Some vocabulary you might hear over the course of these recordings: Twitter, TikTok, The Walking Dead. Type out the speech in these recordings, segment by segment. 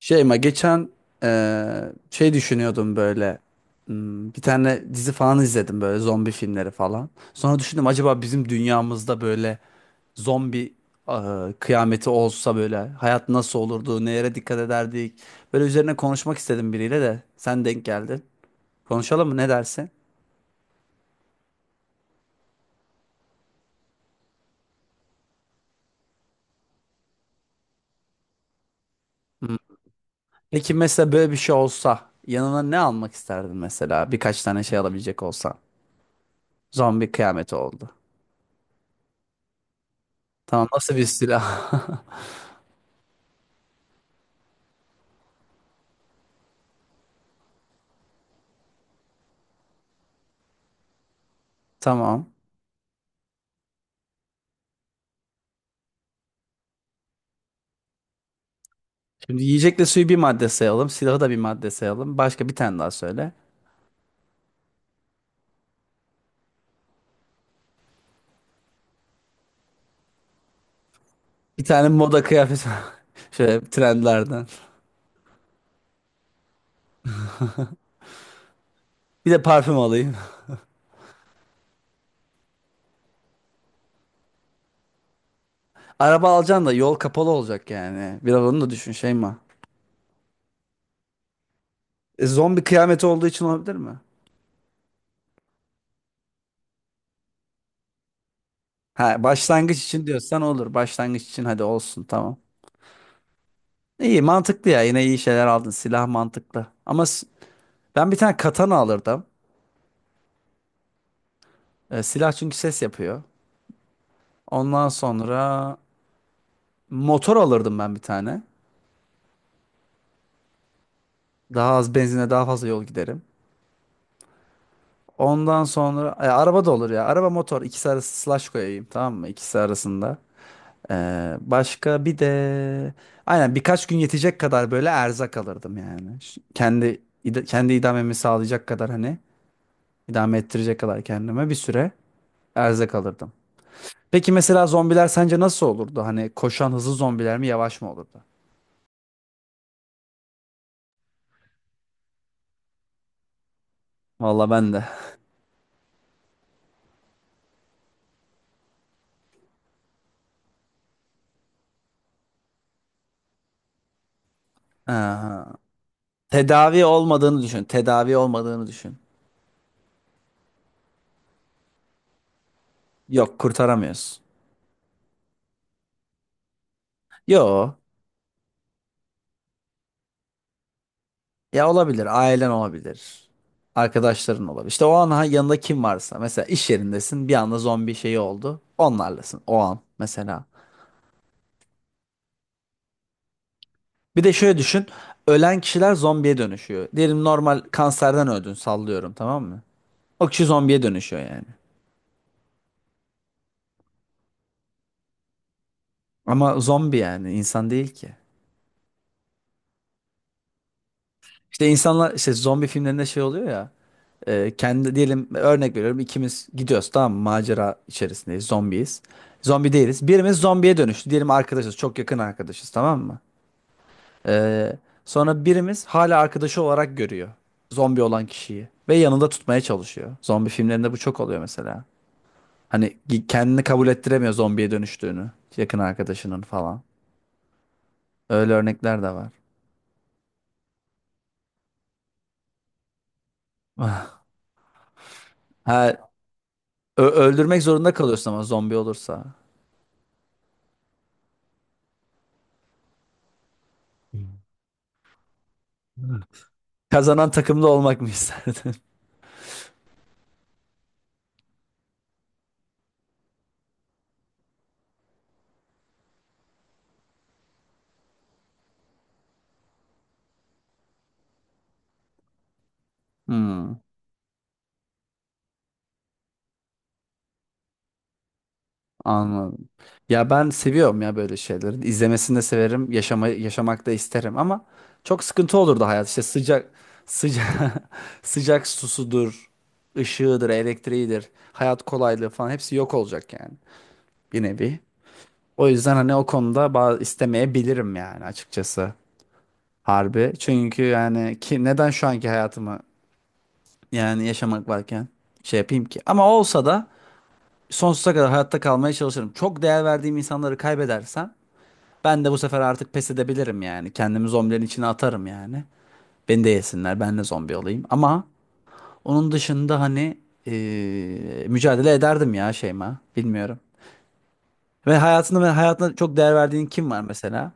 Şey ma geçen şey düşünüyordum böyle. Hmm, bir tane dizi falan izledim böyle zombi filmleri falan. Sonra düşündüm acaba bizim dünyamızda böyle zombi kıyameti olsa böyle hayat nasıl olurdu, nelere dikkat ederdik. Böyle üzerine konuşmak istedim biriyle de sen denk geldin. Konuşalım mı, ne dersin? Hmm. Peki mesela böyle bir şey olsa yanına ne almak isterdin, mesela birkaç tane şey alabilecek olsan? Zombi kıyameti oldu. Tamam, nasıl bir silah? Tamam. Şimdi yiyecekle suyu bir madde sayalım. Silahı da bir madde sayalım. Başka bir tane daha söyle. Bir tane moda kıyafet şöyle trendlerden. Bir de parfüm alayım. Araba alacaksın da yol kapalı olacak yani. Biraz onu da düşün Şeyma. Zombi kıyameti olduğu için olabilir mi? Ha, başlangıç için diyorsan olur. Başlangıç için hadi olsun, tamam. İyi, mantıklı ya. Yine iyi şeyler aldın. Silah mantıklı. Ama ben bir tane katana alırdım. Silah çünkü ses yapıyor. Ondan sonra motor alırdım ben bir tane. Daha az benzine daha fazla yol giderim. Ondan sonra araba da olur ya. Araba motor ikisi arası slash koyayım, tamam mı? İkisi arasında. Başka bir de aynen birkaç gün yetecek kadar böyle erzak alırdım yani. Kendi kendi idamemi sağlayacak kadar, hani idame ettirecek kadar kendime bir süre erzak alırdım. Peki mesela zombiler sence nasıl olurdu? Hani koşan hızlı zombiler mi, yavaş mı olurdu? Vallahi ben de. Aha. Tedavi olmadığını düşün. Tedavi olmadığını düşün. Yok, kurtaramıyorsun. Yo. Ya olabilir. Ailen olabilir. Arkadaşların olabilir. İşte o an yanında kim varsa. Mesela iş yerindesin. Bir anda zombi şeyi oldu. Onlarlasın o an mesela. Bir de şöyle düşün. Ölen kişiler zombiye dönüşüyor. Diyelim normal kanserden öldün, sallıyorum, tamam mı? O kişi zombiye dönüşüyor yani. Ama zombi yani insan değil ki. İşte insanlar işte zombi filmlerinde şey oluyor ya. Kendi diyelim, örnek veriyorum, ikimiz gidiyoruz tamam mı? Macera içerisindeyiz, zombiyiz. Zombi değiliz. Birimiz zombiye dönüştü. Diyelim arkadaşız, çok yakın arkadaşız tamam mı? E, Sonra birimiz hala arkadaşı olarak görüyor. Zombi olan kişiyi. Ve yanında tutmaya çalışıyor. Zombi filmlerinde bu çok oluyor mesela. Hani kendini kabul ettiremiyor zombiye dönüştüğünü. Yakın arkadaşının falan. Öyle örnekler de var. Ah. Ha, öldürmek zorunda kalıyorsun ama zombi olursa. Kazanan takımda olmak mı isterdin? Hmm. Anladım. Ya ben seviyorum ya böyle şeyleri. İzlemesini de severim, yaşama, yaşamak da isterim ama çok sıkıntı olurdu hayat. İşte sıcak sıcak susudur, ışığıdır, elektriğidir, hayat kolaylığı falan hepsi yok olacak yani bir nevi. O yüzden hani o konuda bazı istemeyebilirim yani açıkçası. Harbi. Çünkü yani ki neden şu anki hayatımı yani yaşamak varken şey yapayım ki? Ama olsa da sonsuza kadar hayatta kalmaya çalışırım. Çok değer verdiğim insanları kaybedersem ben de bu sefer artık pes edebilirim yani. Kendimi zombilerin içine atarım yani. Beni de yesinler, ben de zombi olayım. Ama onun dışında hani mücadele ederdim ya Şeyma. Bilmiyorum. Ve hayatında ve hayatına çok değer verdiğin kim var mesela?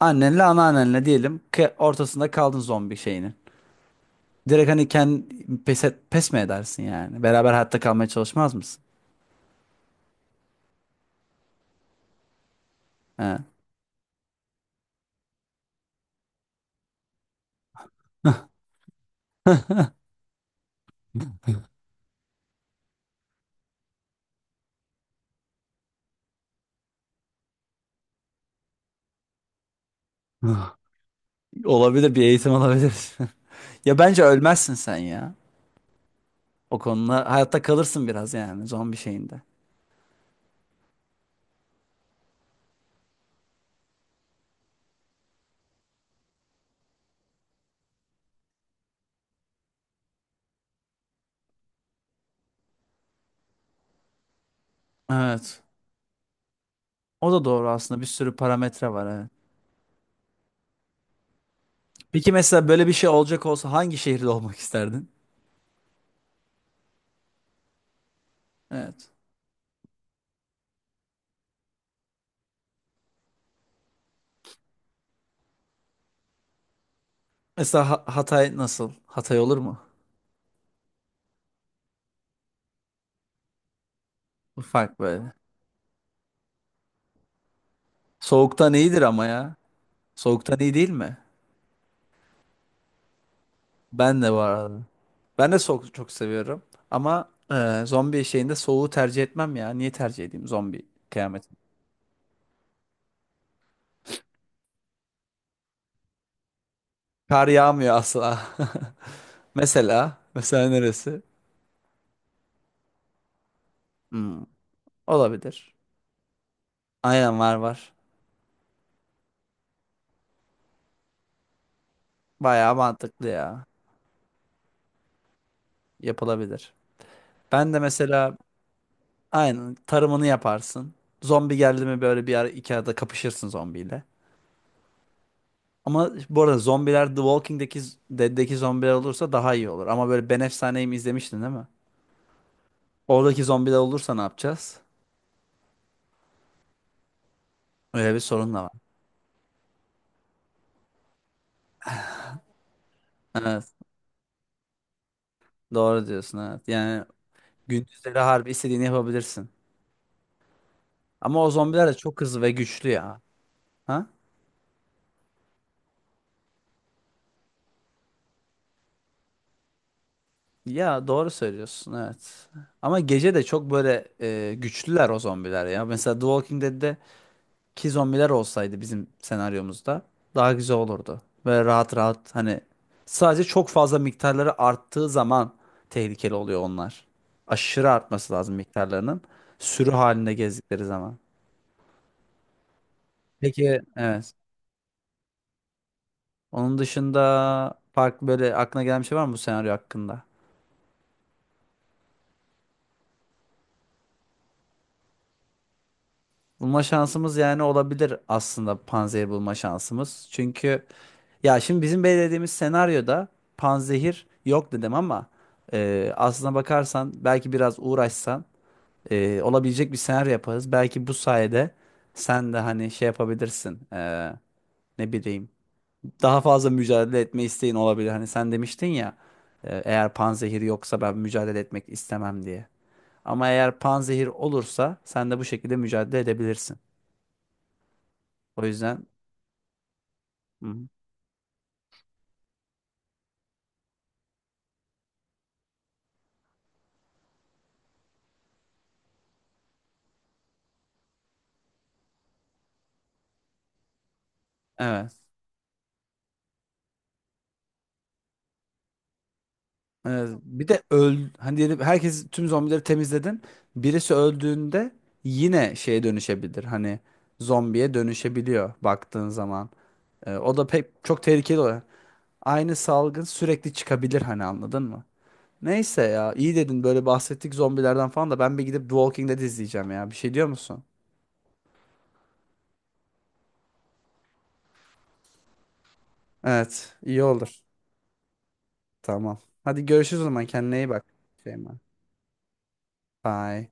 Annenle anneannenle diyelim ki ortasında kaldın zombi şeyinin. Direkt hani kendi pes mi edersin yani? Beraber hayatta kalmaya çalışmaz mısın? He. Olabilir, bir eğitim olabilir. Ya bence ölmezsin sen ya. O konuda hayatta kalırsın biraz yani zombi şeyinde. Evet. O da doğru aslında, bir sürü parametre var evet. Peki mesela böyle bir şey olacak olsa hangi şehirde olmak isterdin? Evet. Mesela Hatay nasıl? Hatay olur mu? Bu fark böyle. Soğuktan iyidir ama ya. Soğuktan iyi değil mi? Ben de bu arada. Ben de soğuk çok seviyorum. Ama zombi şeyinde soğuğu tercih etmem ya. Niye tercih edeyim zombi kıyameti? Kar yağmıyor asla. Mesela. Mesela neresi? Hmm, olabilir. Aynen, var var. Bayağı mantıklı ya. Yapılabilir. Ben de mesela aynen tarımını yaparsın. Zombi geldi mi böyle bir ara iki arada kapışırsın zombiyle. Ama bu arada zombiler The Walking'deki Dead'deki zombiler olursa daha iyi olur. Ama böyle Ben Efsane'yi mi izlemiştin değil mi? Oradaki zombiler olursa ne yapacağız? Öyle bir sorun da var. Evet. Doğru diyorsun evet. Yani gündüzleri harbi istediğini yapabilirsin. Ama o zombiler de çok hızlı ve güçlü ya. Ha? Ya doğru söylüyorsun evet. Ama gece de çok böyle güçlüler o zombiler ya. Mesela The Walking Dead'de ki zombiler olsaydı bizim senaryomuzda daha güzel olurdu. Böyle rahat rahat hani sadece çok fazla miktarları arttığı zaman tehlikeli oluyor onlar. Aşırı artması lazım miktarlarının. Sürü halinde gezdikleri zaman. Peki evet. Onun dışında farklı böyle aklına gelen bir şey var mı bu senaryo hakkında? Bulma şansımız yani olabilir aslında, panzehir bulma şansımız. Çünkü ya şimdi bizim belirlediğimiz senaryoda panzehir yok dedim ama aslına bakarsan belki biraz uğraşsan olabilecek bir senaryo yaparız. Belki bu sayede sen de hani şey yapabilirsin, ne bileyim, daha fazla mücadele etme isteğin olabilir. Hani sen demiştin ya eğer panzehir yoksa ben mücadele etmek istemem diye. Ama eğer panzehir olursa sen de bu şekilde mücadele edebilirsin. O yüzden. Hı hı. Evet. Bir de öl hani diyelim herkes tüm zombileri temizledin. Birisi öldüğünde yine şeye dönüşebilir. Hani zombiye dönüşebiliyor baktığın zaman. O da pek çok tehlikeli oluyor. Aynı salgın sürekli çıkabilir hani, anladın mı? Neyse ya, iyi dedin, böyle bahsettik zombilerden falan da ben bir gidip The Walking Dead izleyeceğim ya. Bir şey diyor musun? Evet, iyi olur. Tamam. Hadi görüşürüz o zaman, kendine iyi bak. Şeyma. Bye.